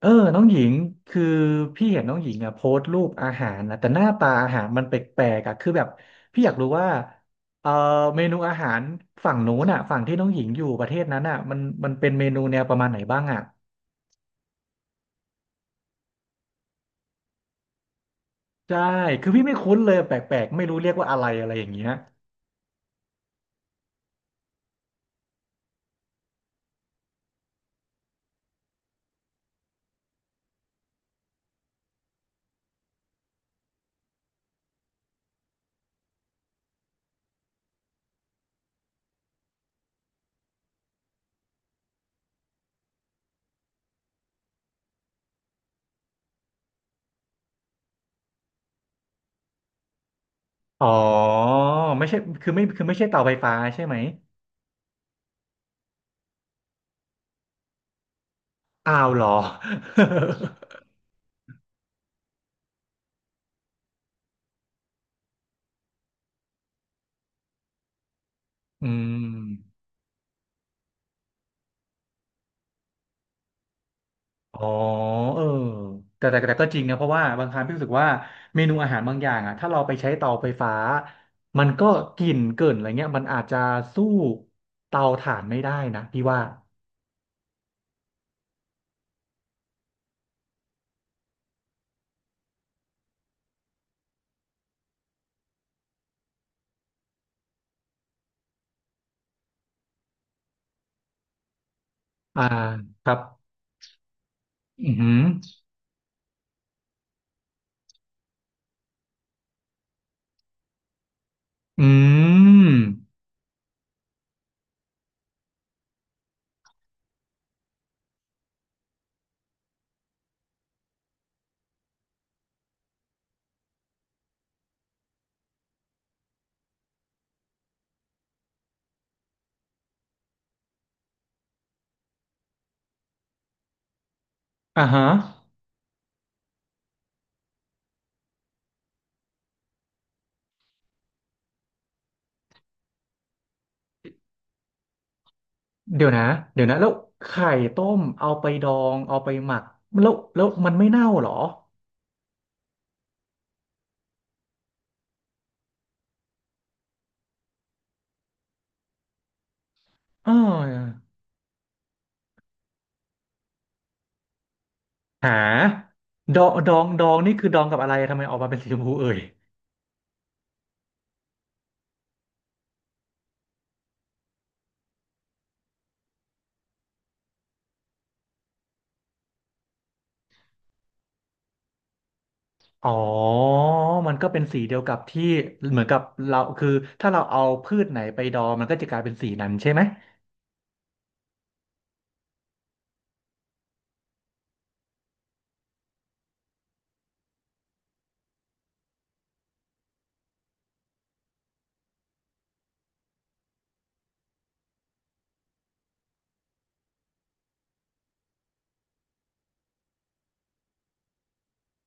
เออน้องหญิงคือพี่เห็นน้องหญิงอ่ะโพสต์รูปอาหารนะแต่หน้าตาอาหารมันแปลกๆอ่ะคือแบบพี่อยากรู้ว่าเออเมนูอาหารฝั่งนู้นอ่ะฝั่งที่น้องหญิงอยู่ประเทศนั้นอ่ะมันเป็นเมนูแนวประมาณไหนบ้างอ่ะใช่คือพี่ไม่คุ้นเลยแปลกๆไม่รู้เรียกว่าอะไรอะไรอย่างเงี้ยอ๋อไม่ใช่คือไม่ใช่เตาไฟฟ้าใช่ไหมอ้าวเหรอ อืม อ๋อเออแต่ก็จริงนะเพราะว่าบางครั้งพี่รู้สึกว่าเมนูอาหารบางอย่างอ่ะถ้าเราไปใช้เตาไฟฟ้ามันก็กลิ่นเกินอะไรเงี้ยมันอาจจะสู้เตาถ่านไม่ได้นะพี่ว่าอ่าครับอือหืออืมอ่าฮะเดี๋ยวนะเดี๋ยวนะแล้วไข่ต้มเอาไปดองเอาไปหมักแล้วมันไม่เน่าเหรอเออหาดองดองดองนี่คือดองกับอะไรทำไมออกมาเป็นสีชมพูเอ่ย อ๋อมันก็เป็นสีเดียวกับที่เหมือนกับเราคือถ้าเราเอาพืชไหนไปดองมันก็จะกลายเป็นสีนั้นใช่ไหม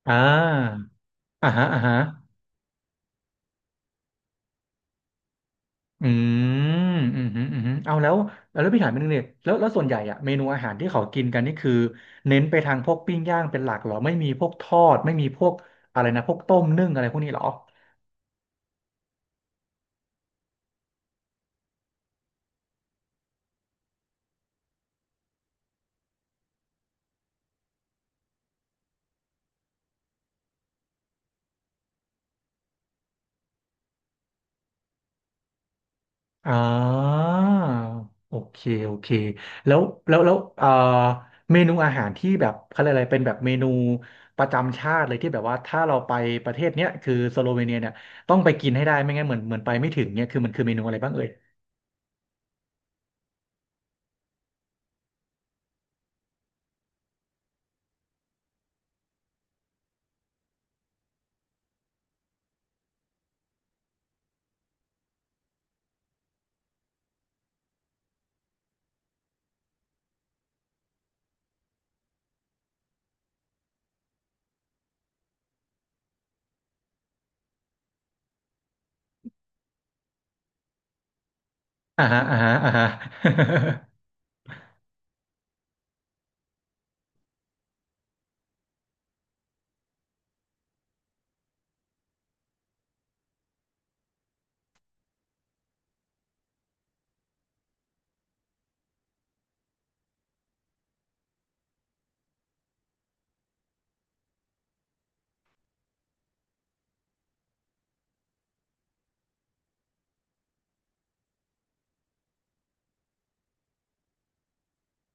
อ่าอ่าฮะอ่าฮะอือืมเอาแล้วแล้วพี่ถามนิดนึงเนี่ยแล้วส่วนใหญ่อะเมนูอาหารที่เขากินกันนี่คือเน้นไปทางพวกปิ้งย่างเป็นหลักเหรอไม่มีพวกทอดไม่มีพวกอะไรนะพวกต้มนึ่งอะไรพวกนี้เหรอ อ่าโอเคโอเคแล้วแล้วเมนูอาหารที่แบบเขาเรียกอะไรเป็นแบบเมนูประจำชาติเลยที่แบบว่าถ้าเราไปประเทศเนี้ยคือสโลเวเนียเนี่ยต้องไปกินให้ได้ไม่งั้นเหมือนเหมือนไปไม่ถึงเนี่ยคือมันคือเมนูอะไรบ้างเอ่ยอ่าฮะอ่าฮะอ่าฮะ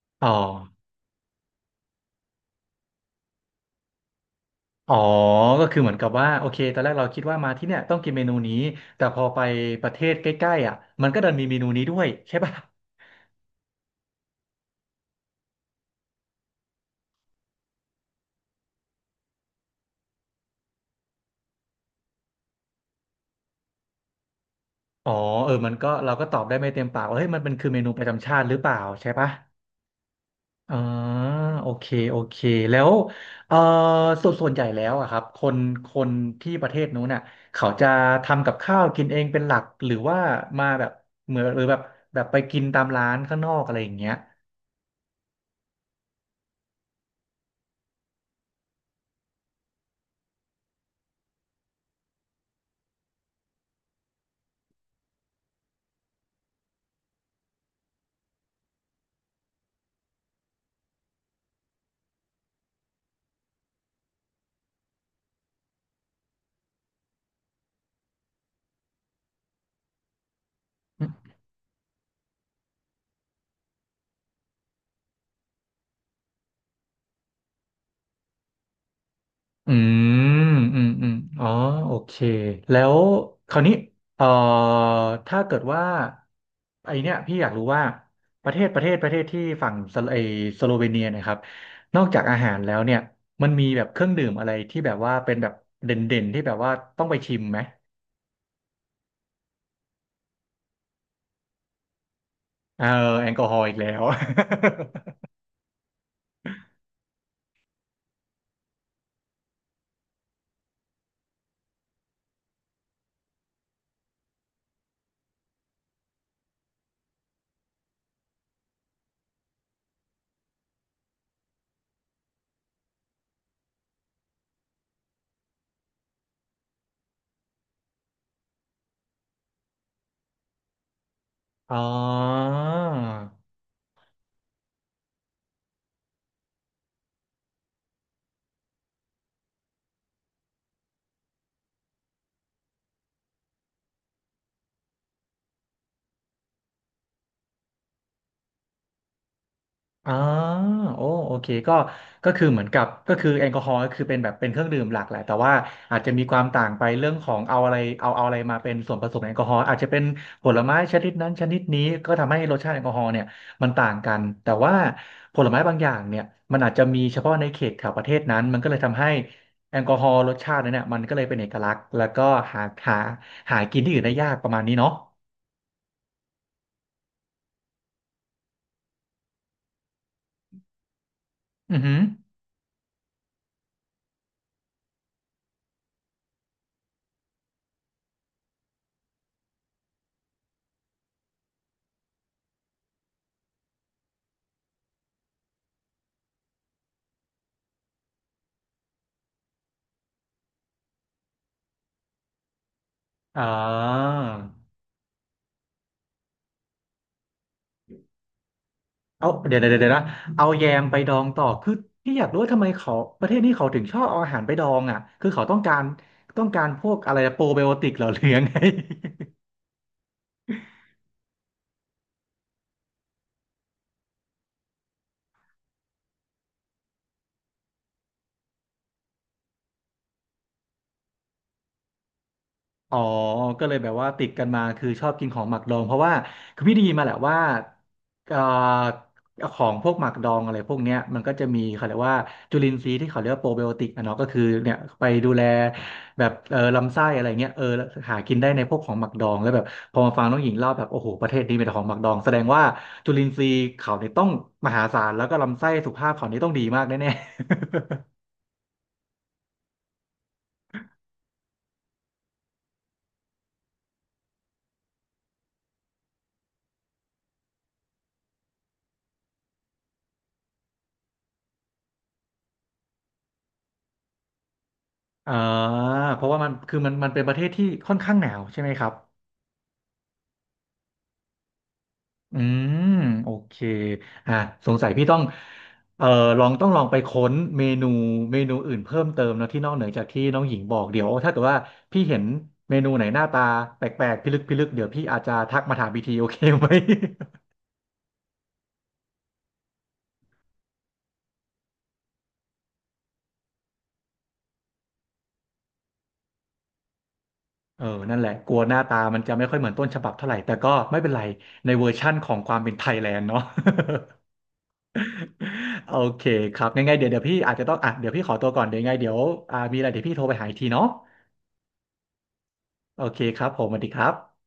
อ๋ออ๋อก็คือเหมือนกับว่าโอเคตอนแรกเราคิดว่ามาที่เนี่ยต้องกินเมนูนี้แต่พอไปประเทศใกล้ๆอ่ะมันก็ดันมีเมนูนี้ด้วยใช่ป่ะ อ๋อเออมันก็เราก็ตอบได้ไม่เต็มปากว่าเฮ้ยมันเป็นคือเมนูประจำชาติหรือเปล่าใช่ปะอ่าโอเคโอเคแล้วเออส่วนใหญ่แล้วอะครับคนที่ประเทศนู้นน่ะเขาจะทำกับข้าวกินเองเป็นหลักหรือว่ามาแบบเหมือนหรือแบบแบบไปกินตามร้านข้างนอกอะไรอย่างเงี้ย อืมอืมอืมอ๋อโอเค แล้วคราวนี้เอ่อถ้าเกิดว่าไอเนี้ยพี่อยากรู้ว่าประเทศที่ฝั่งสโลเวเนียเนะครับนอกจากอาหารแล้วเนี่ยมันมีแบบเครื่องดื่มอะไรที่แบบว่าเป็นแบบเด่นที่แบบว่าต้องไปชิมไหมเออแอลกอฮอล์อีกแล้ว อ๋อ อ๋อโอ้โอเคก็คือเหมือนกับก็คือแอลกอฮอล์ก็คือเป็นแบบเป็นเครื่องดื่มหลักแหละแต่ว่าอาจจะมีความต่างไปเรื่องของเอาอะไรเอาเอาอะไรมาเป็นส่วนผสมแอลกอฮอล์อาจจะเป็นผลไม้ชนิดนั้นชนิดนี้ ก็ทำให้รสชาติแอลกอฮอล์เนี่ยมันต่างกันแต่ว่าผลไม้บางอย่างเนี่ยมันอาจจะมีเฉพาะในเขตแถวประเทศนั้นมันก็เลยทำให้แอลกอฮอล์รสชาตินั้นเนี่ยมันก็เลยเป็นเอกลักษณ์แล้วก็หาหาหากินที่อื่นได้ยากประมาณนี้เนาะอือหืออ่า เอาเดี๋ยวนะเอาแยมไปดองต่อคือพี่อยากรู้ว่าทำไมเขาประเทศนี้เขาถึงชอบเอาอาหารไปดองอ่ะคือเขาต้องการต้องการพวกอะไรโปรไบโอติกเหรอหรือยังไง อ๋อก็เลยแบบว่าติดกันมาคือชอบกินของหมักดองเพราะว่าคือพี่ได้ยินมาแหละว่าเอ่อของพวกหมักดองอะไรพวกเนี้ยมันก็จะมีเขาเรียกว่าจุลินทรีย์ที่เขาเรียกว่าโปรไบโอติกอะเนาะก็คือเนี่ยไปดูแลแบบเออลำไส้อะไรเงี้ยเออหากินได้ในพวกของหมักดองแล้วแบบพอมาฟังน้องหญิงเล่าแบบโอ้โหประเทศนี้มีแต่ของหมักดองแสดงว่าจุลินทรีย์เขาเนี่ยต้องมหาศาลแล้วก็ลำไส้สุขภาพเขานี่ต้องดีมากแน่ๆ อ่าเพราะว่ามันคือมันเป็นประเทศที่ค่อนข้างหนาวใช่ไหมครับ อืมโอเคอ่ะสงสัยพี่ต้องเอ่อลองต้องลองไปค้นเมนูอื่นเพิ่มเติมเนอะที่นอกเหนือจากที่น้องหญิงบอกเดี๋ยวถ้าเกิดว่าพี่เห็นเมนูไหนหน้าตาแปลกๆพิลึกพิลึกเดี๋ยวพี่อาจจะทักมาถามพี่ทีโอเคไหม เออนั่นแหละกลัวหน้าตามันจะไม่ค่อยเหมือนต้นฉบับเท่าไหร่แต่ก็ไม่เป็นไรในเวอร์ชั่นของความเป็นไทยแลนด์เนาะ โอเคครับยังไงเดี๋ยวเดี๋ยวพี่อาจจะต้องอ่ะเดี๋ยวพี่ขอตัวก่อนเดี๋ยวยังไงเดี๋ยวอ่ามีอะไรเดี๋ยวพี่โทรไปหาอีกทีเนาะโอเคครับผมสวัสดีครับ